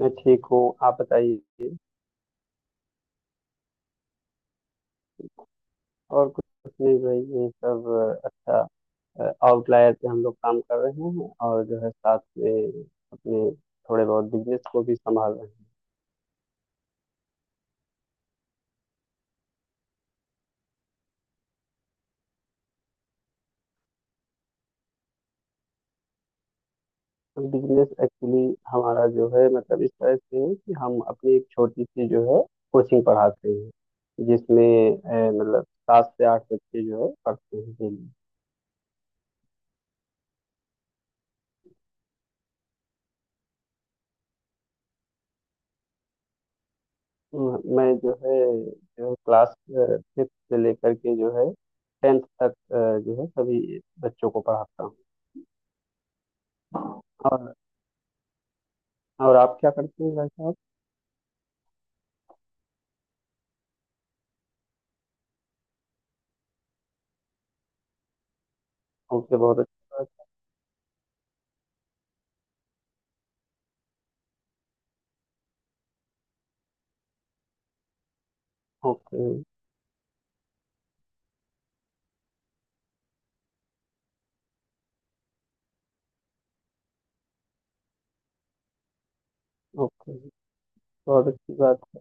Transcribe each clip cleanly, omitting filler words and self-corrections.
मैं ठीक हूँ, आप बताइए। और कुछ नहीं भाई, ये सब अच्छा। आउटलायर पे हम लोग काम कर रहे हैं और जो है साथ में अपने थोड़े बहुत बिजनेस को भी संभाल रहे हैं। बिजनेस एक्चुअली हमारा जो है मतलब इस तरह से है कि हम अपनी एक छोटी सी जो है कोचिंग पढ़ाते हैं, जिसमें मतलब सात से आठ बच्चे जो है पढ़ते हैं daily। मैं जो है जो क्लास फिफ्थ से लेकर के जो है 10th तक जो है सभी बच्चों को पढ़ाता हूँ। और और आप क्या करते हैं भाई साहब? ओके, बहुत अच्छी बात। ओके। ओके, बहुत अच्छी बात।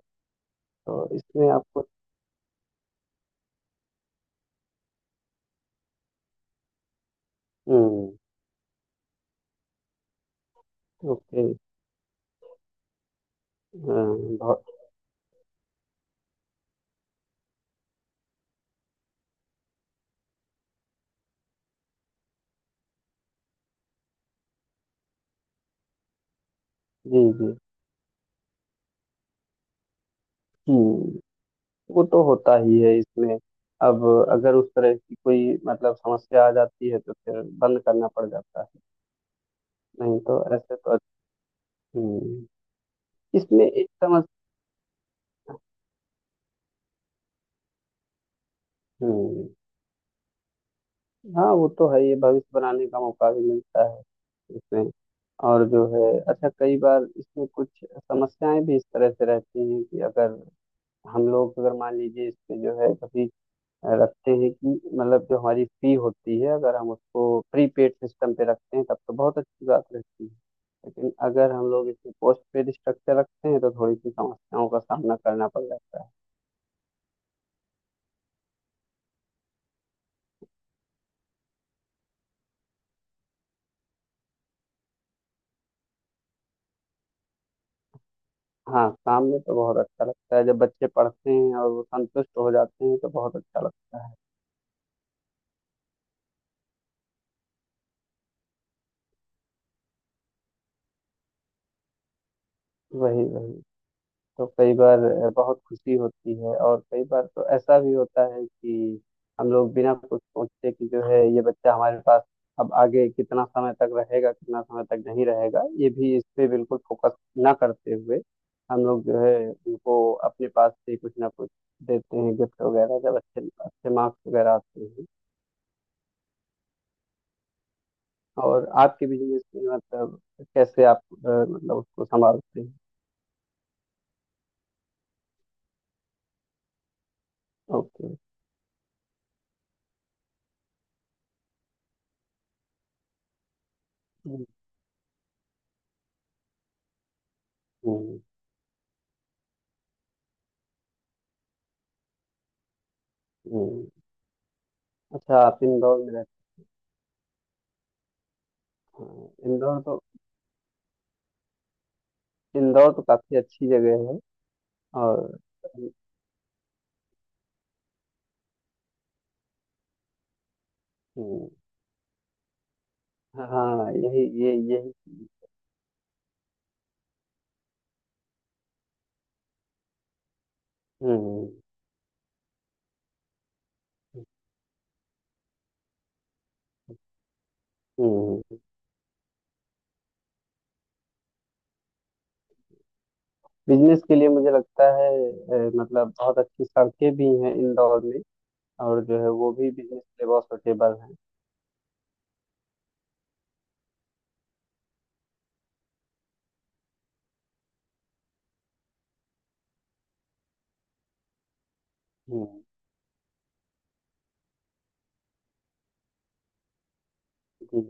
तो इसमें आपको। हम्म। ओके। हाँ, बहुत। जी जी। हम्म। वो तो होता ही है इसमें। अब अगर उस तरह की कोई मतलब समस्या आ जाती है तो फिर बंद करना पड़ जाता है, नहीं तो ऐसे तो। हम्म। इसमें एक समस्या। हम्म, हाँ वो तो है, ये भविष्य बनाने का मौका भी मिलता है इसमें। और जो है अच्छा कई बार इसमें कुछ समस्याएं भी इस तरह से रहती हैं कि अगर हम लोग अगर मान लीजिए इसमें जो है कभी रखते हैं कि मतलब जो हमारी फी होती है अगर हम उसको प्रीपेड सिस्टम पे रखते हैं तब तो बहुत अच्छी बात रहती है, लेकिन अगर हम लोग इसमें पोस्ट पेड स्ट्रक्चर रखते हैं तो थोड़ी सी समस्याओं का सामना करना पड़ जाता है। हाँ, शाम में तो बहुत अच्छा लगता है, जब बच्चे पढ़ते हैं और वो संतुष्ट हो जाते हैं तो बहुत अच्छा लगता है। वही वही। तो कई बार बहुत खुशी होती है, और कई बार तो ऐसा भी होता है कि हम लोग बिना कुछ सोचे कि जो है ये बच्चा हमारे पास अब आगे कितना समय तक रहेगा कितना समय तक नहीं रहेगा ये भी इस पे बिल्कुल फोकस ना करते हुए हम लोग जो है उनको अपने पास से कुछ ना कुछ देते हैं, गिफ्ट वगैरह, जब अच्छे अच्छे मार्क्स वगैरह आते हैं। और आपके बिजनेस में मतलब कैसे आप मतलब उसको संभालते हैं? ओके। हम्म। हम्म। हम्म। अच्छा, आप इंदौर में रहते हैं? इंदौर तो, इंदौर तो काफी अच्छी जगह है। और हम्म, हाँ यही ये यही। हम्म। हम्म। बिजनेस के लिए मुझे लगता है मतलब बहुत अच्छी सड़कें भी हैं इंदौर में, और जो है वो भी बिजनेस के लिए बहुत सुटेबल हैं। हम्म। जी।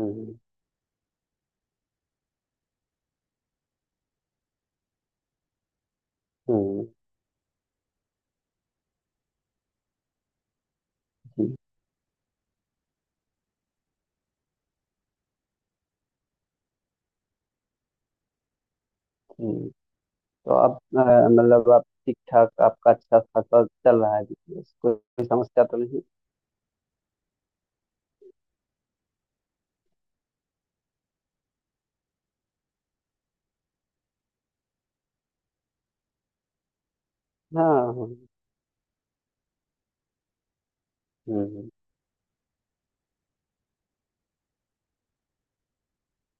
हम्म। हम्म। जी जी। तो अब मतलब आप ठीक ठाक, आपका अच्छा खासा चल रहा है बिजनेस, कोई समस्या तो नहीं? हाँ। हम्म। हम्म।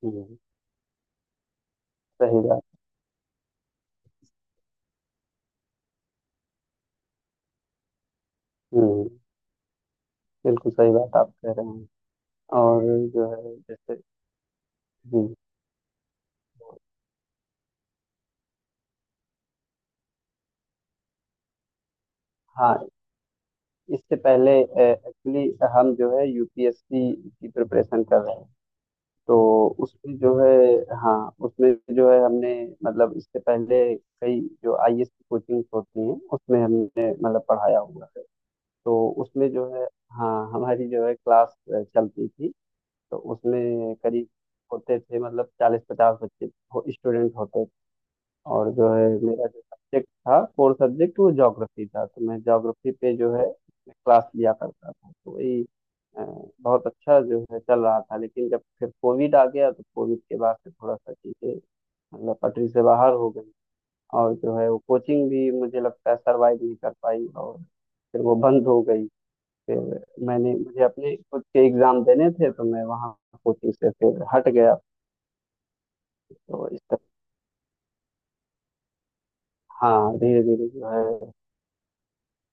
हम्म, सही बात। हम्म। बिल्कुल सही बात आप कह रहे हैं। और जो है जैसे हम्म, हाँ, इससे पहले एक्चुअली हम जो है यूपीएससी की प्रिपरेशन कर रहे हैं। तो उसमें जो है हाँ उसमें जो है हमने मतलब इससे पहले कई जो आईएएस की कोचिंग होती हैं उसमें हमने मतलब पढ़ाया हुआ है। तो उसमें जो है हाँ हमारी जो है क्लास चलती थी, तो उसमें करीब होते थे मतलब 40 50 बच्चे, हो, स्टूडेंट होते थे। और जो है मेरा जो सब्जेक्ट था कोर सब्जेक्ट वो ज्योग्राफी था, तो मैं ज्योग्राफी पे जो है क्लास लिया करता था। तो वही अ, बहुत अच्छा जो है चल रहा था, लेकिन जब फिर कोविड आ गया तो कोविड के बाद से थोड़ा सा चीज़ें मतलब पटरी से बाहर हो गई, और जो है वो कोचिंग भी मुझे लगता है सरवाइव नहीं कर पाई और फिर वो बंद हो गई। फिर मैंने मुझे अपने खुद के एग्जाम देने थे, तो मैं वहाँ कोचिंग से फिर हट गया। तो इस तरह हाँ धीरे धीरे जो है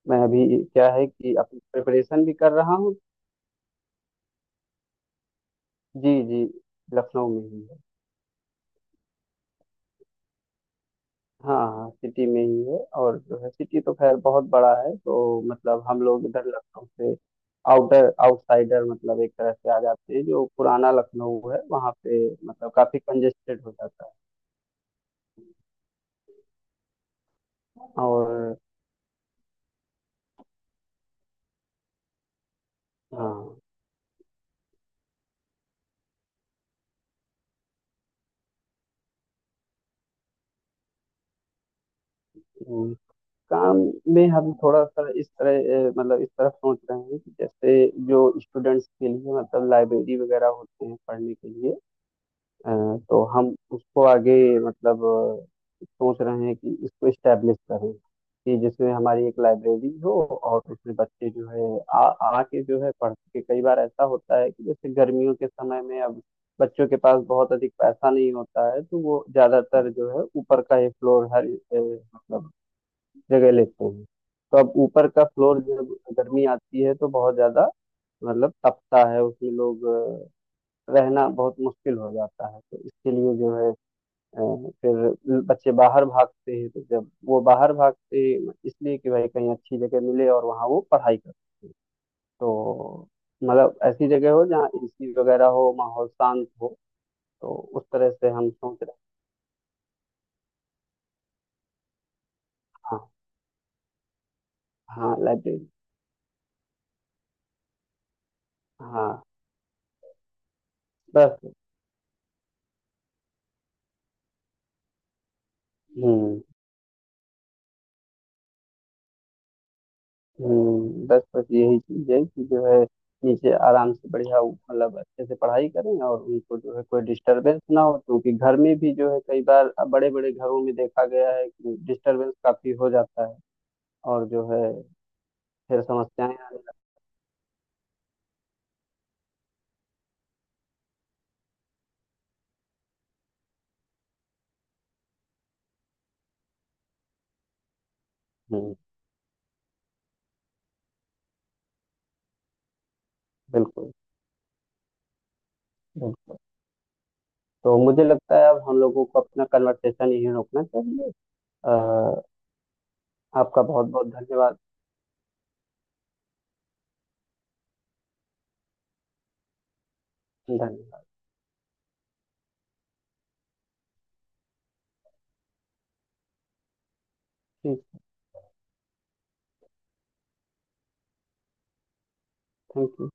मैं अभी क्या है कि अपनी प्रिपरेशन भी कर रहा हूँ। जी जी। लखनऊ में ही है। हाँ हाँ, सिटी में ही है, और जो है सिटी तो खैर बहुत बड़ा है, तो मतलब हम लोग इधर लखनऊ से आउटर आउटसाइडर मतलब एक तरह से आ जाते हैं, जो पुराना लखनऊ है वहाँ पे मतलब काफी कंजेस्टेड हो जाता है। और हाँ, काम में हम थोड़ा सा इस तरह मतलब इस तरफ सोच रहे हैं कि जैसे जो स्टूडेंट्स के लिए मतलब लाइब्रेरी वगैरह होते हैं पढ़ने के लिए अ, तो हम उसको आगे मतलब अ, सोच रहे हैं कि इसको स्टैब्लिश करें, कि जिसमें हमारी एक लाइब्रेरी हो और उसमें बच्चे जो है आ आके जो है पढ़ के, कई बार ऐसा होता है कि जैसे गर्मियों के समय में अब बच्चों के पास बहुत अधिक पैसा नहीं होता है, तो वो ज्यादातर जो है ऊपर का ये फ्लोर हर मतलब जगह लेते हैं। तो अब ऊपर का फ्लोर जब गर्मी आती है तो बहुत ज्यादा मतलब तपता है, उसमें लोग रहना बहुत मुश्किल हो जाता है, तो इसके लिए जो है फिर बच्चे बाहर भागते हैं, तो जब वो बाहर भागते हैं इसलिए कि भाई कहीं अच्छी जगह मिले और वहाँ वो पढ़ाई कर सकें। तो मतलब ऐसी जगह हो जहाँ एसी वगैरह हो, माहौल शांत हो, तो उस तरह से हम सोच रहे हैं। हाँ हाँ, लाइब्रेरी। हाँ। बस। हम्म। बस बस यही चीज है कि जो है नीचे आराम से बढ़िया मतलब अच्छे से पढ़ाई करें और उनको जो है कोई डिस्टरबेंस ना हो, क्योंकि घर में भी जो है कई बार बड़े बड़े घरों में देखा गया है कि डिस्टरबेंस काफी हो जाता है, और जो है फिर समस्याएं आने लगती हैं। बिल्कुल बिल्कुल। तो मुझे लगता है अब हम लोगों को अपना कन्वर्सेशन यहीं रोकना चाहिए। अ, आपका बहुत बहुत धन्यवाद। धन्यवाद। ठीक। Thank you.